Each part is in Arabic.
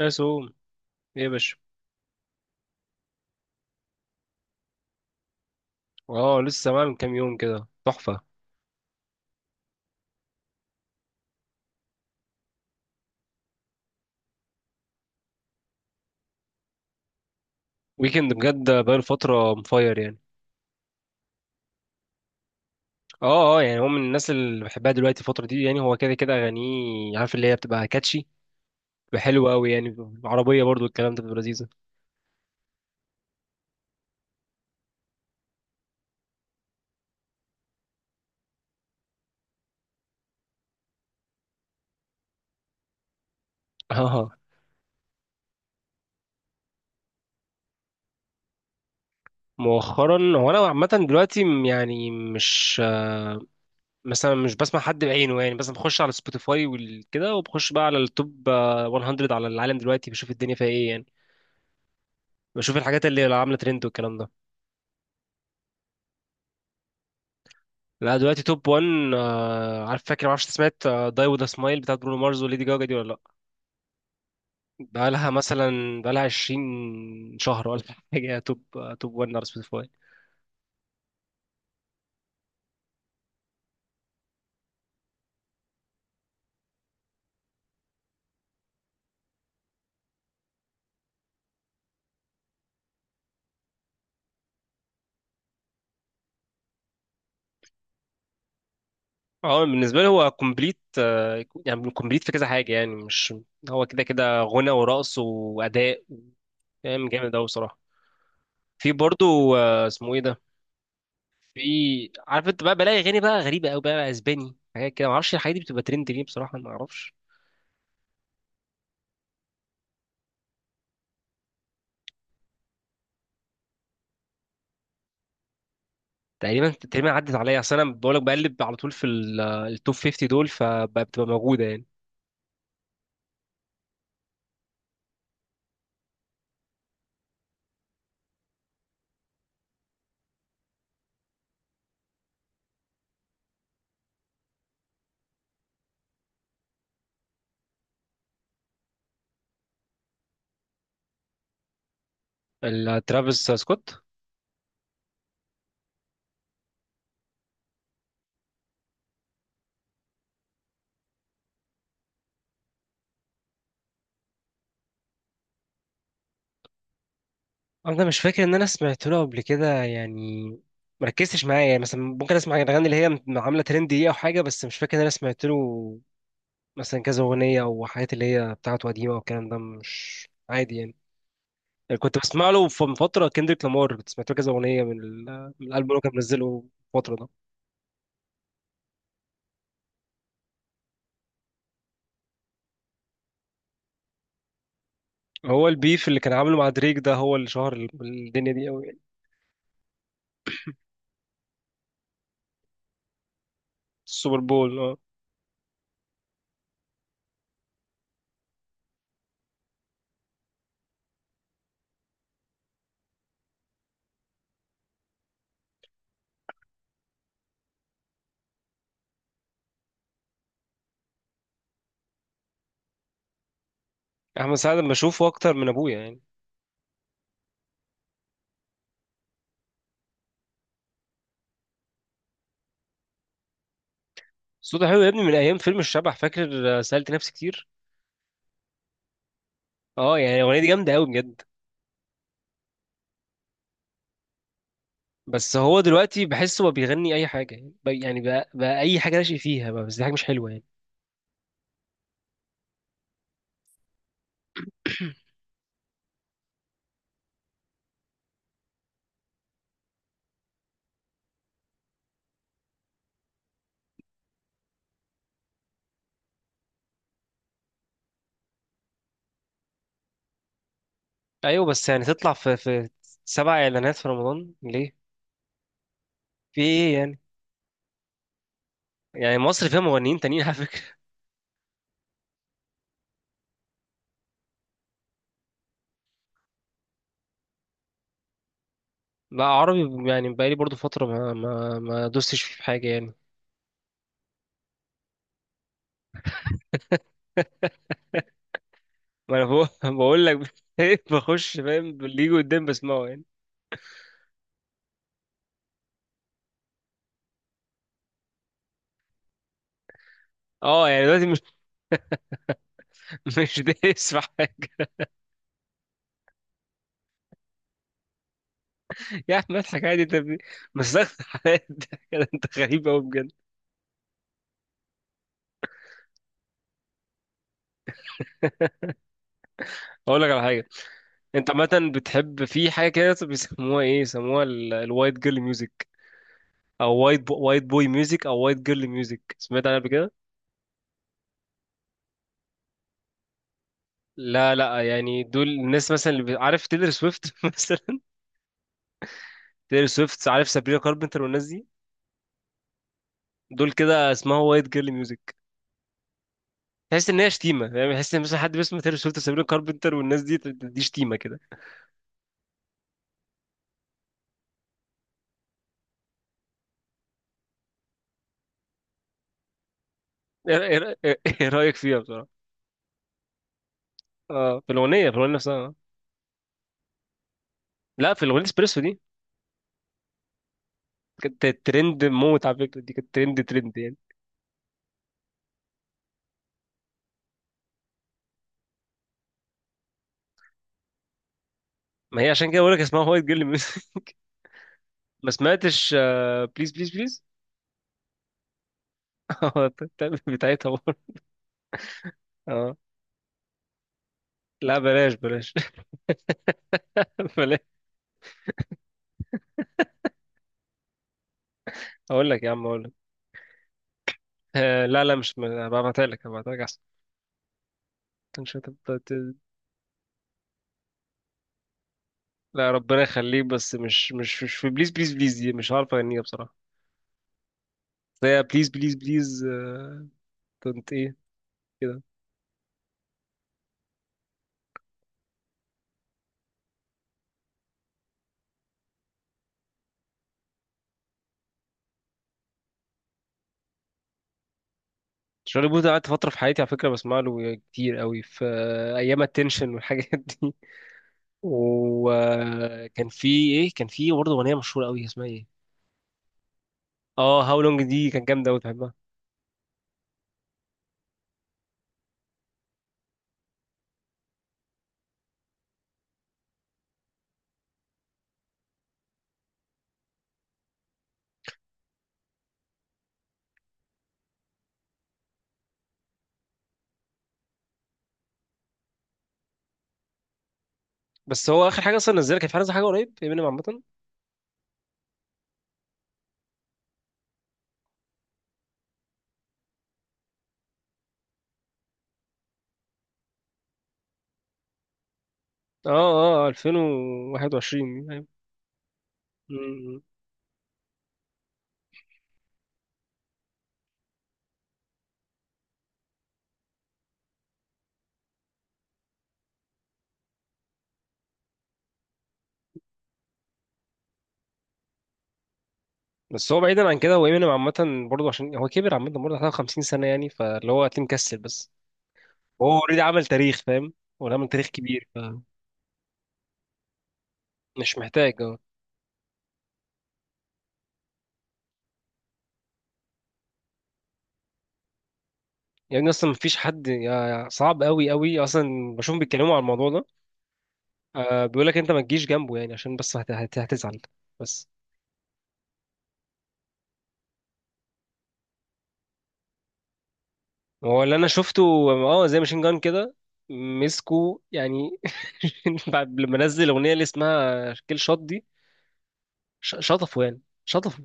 اسوم، ايه يا باشا؟ اه، لسه معاه من كام يوم كده، تحفه. ويكند بجد بقاله فتره مفاير يعني. اه اه، يعني هو من الناس اللي بحبها دلوقتي الفتره دي. يعني هو كده كده اغانيه، عارف، اللي هي بتبقى كاتشي، بتبقى حلوه قوي يعني. عربيه برضو الكلام ده، بتبقى لذيذه. اه. آه. مؤخرا هو انا عامه دلوقتي مش مثلا، مش بسمع حد بعينه يعني، بس بخش على سبوتيفاي وكده، وبخش بقى على التوب 100 على العالم، دلوقتي بشوف الدنيا فيها ايه يعني، بشوف الحاجات اللي عامله ترند والكلام ده. لا دلوقتي توب 1. عارف، فاكر معرفش إنت سمعت داي وذ سمايل بتاعت برونو مارز وليدي جاجا دي ولا لا؟ بقالها 20 شهر ولا حاجه، توب توب 1 على سبوتيفاي. اه بالنسبه لي هو كومبليت. يعني كومبليت في كذا حاجه يعني، مش، هو كده كده غنى ورقص واداء، فاهم؟ جامد قوي بصراحه. في برضو اسمه ايه ده، في، عارف انت بقى، بلاقي اغاني بقى غريبه قوي، بقى اسباني حاجات كده، معرفش الحاجات دي بتبقى ترند ليه بصراحه، ما اعرفش. تقريبا تقريبا عدت عليا، اصل انا بقول لك بقلب على طول في التوب 50 دول، فبتبقى موجوده يعني. ترافيس سكوت، انا مش فاكر ان انا سمعت له قبل كده يعني، مركزتش معايا يعني، مثلا ممكن اسمع الاغاني اللي هي عامله ترند دي او حاجه، بس مش فاكر ان انا سمعت له مثلا كذا اغنيه او حاجات اللي هي بتاعته قديمه والكلام ده، مش عادي يعني. كنت بسمع له من فتره كندريك لامار، كنت سمعت له كذا اغنيه من الالبوم اللي هو كان منزله الفتره ده. هو البيف اللي كان عامله مع دريك ده هو اللي شهر الدنيا دي قوي. السوبر بول، اه. احمد سعد لما اشوفه اكتر من ابويا يعني. صوته حلو يا ابني من ايام فيلم الشبح، فاكر؟ سألت نفسي كتير. اه يعني الاغنيه دي جامده قوي بجد. بس هو دلوقتي بحسه هو بيغني اي حاجه يعني، بقى، اي حاجه ناشئ فيها بقى، بس دي حاجه مش حلوه يعني. ايوه بس يعني تطلع في سبع اعلانات في رمضان ليه؟ في ايه يعني؟ يعني مصر فيها مغنيين تانيين على فكره. بقى عربي؟ يعني بقالي برضو فتره ما دوستش في حاجه يعني. ما انا بقول، بقول لك، بخش، فاهم؟ اللي يجي قدام بسمعه يعني. اه يعني دلوقتي مش دايس في حاجة. يا عم اضحك عادي، بس ده كده انت غريب قوي بجد. اقول لك على حاجة، انت عامة بتحب في حاجة كده بيسموها ايه، يسموها الوايت جيرل ميوزك، او وايت بوي ميوزك، او وايت جيرل ميوزك، سمعت عنها قبل كده؟ لا لا يعني، دول الناس مثلا عارف تيلر سويفت مثلا، تيلر سويفت، عارف، سابرينا كاربنتر والناس دي، دول كده اسمها وايت جيرل ميوزك. تحس ان هي شتيمه يعني، تحس ان مثلا حد بيسمع تيلر سويفت وسابرينا كاربنتر والناس دي، دي شتيمه كده. ايه؟ إيه رايك فيها بصراحه؟ اه في الاغنيه، في الاغنيه نفسها آه. لا، في الاغنيه اسبريسو دي، كانت ترند موت على فكره، دي كانت ترند ترند يعني. ما هي عشان كده بقول لك اسمها وايت جيرل ميوزك. ما سمعتش. بليز بليز بليز، بتاعتها برضه. اه لا بلاش بلاش. بلاش. اقول لك يا عم، اقول لك. لا لا، مش ما- هبعتها لك، هبعتها لك احسن. مش هتبقى ت- لا ربنا يخليك، بس مش في بليز بليز بليز دي مش عارف اغنيها بصراحه، بس هي بليز بليز بليز. كنت ايه؟ كده شارلي بوث ده قعدت فترة في حياتي على فكرة بسمع له كتير قوي، في أيام التنشن والحاجات دي. وكان في إيه، كان في برضه أغنية مشهورة قوي اسمها إيه، اه هاو لونج، دي كانت جامدة أوي بحبها. بس هو آخر حاجة أصلا نزلها كانت في حاجة، نزل حاجة قريب امينيم عامة، اه اه، 2021 يعني. مم. بس هو بعيدا عن كده، هو امينيم عامة برضه، عشان هو كبر عامة، برضه حوالي 50 سنة يعني، فاللي هو هتلاقيه مكسل بس. هو اوريدي عمل تاريخ، فاهم؟ هو عمل تاريخ كبير، فمش محتاج. آه. يعني اصلا مفيش حد، صعب قوي قوي اصلا بشوف بيتكلموا على الموضوع ده. آه، بيقول لك انت ما تجيش جنبه يعني، عشان بس هتزعل. بس هو اللي انا شفته، اه زي ماشين جان كده، مسكه يعني، بعد لما نزل الاغنيه اللي اسمها كيل شوت دي، شطفه يعني، شطفه.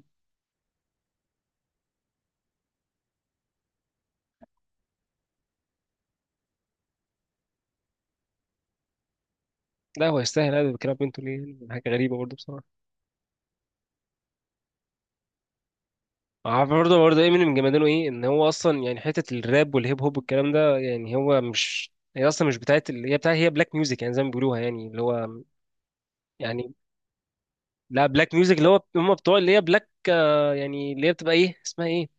لا هو يستاهل، هذا بيتكلم بنته ليه، حاجه غريبه برضه بصراحه. عارف برضه ايه من جمدانه، ايه ان هو اصلا يعني حته الراب والهيب هوب والكلام ده، يعني هو مش، هي اصلا مش بتاعت هي بتاعت، هي بلاك ميوزك يعني، زي ما بيقولوها، يعني اللي هو يعني، لا بلاك ميوزك، اللي هو هم بتوع، اللي هي بلاك يعني اللي هي بتبقى ايه، اسمها ايه،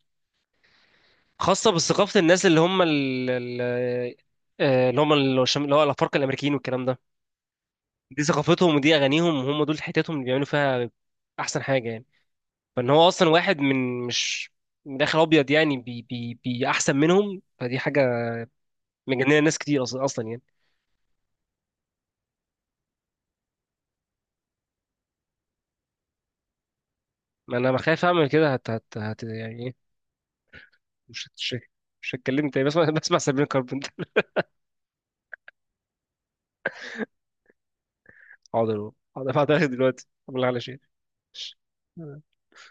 خاصة بثقافة الناس اللي هم اللي هم اللي هو الأفارقة الأمريكيين والكلام ده. دي ثقافتهم، ودي أغانيهم، وهم دول حتتهم اللي بيعملوا فيها أحسن حاجة يعني. فإن هو أصلا واحد من، مش، من الآخر أبيض يعني، بي أحسن منهم، فدي حاجة مجننة ناس كتير أصلا. أصلا يعني ما أنا بخاف أعمل كده، هت هت هت يعني إيه، مش هتش- مش هتكلمني تاني بسمع، بسمع سابين كاربنتر. حاضر حاضر، هبعتها لك دلوقتي قبل على شيء.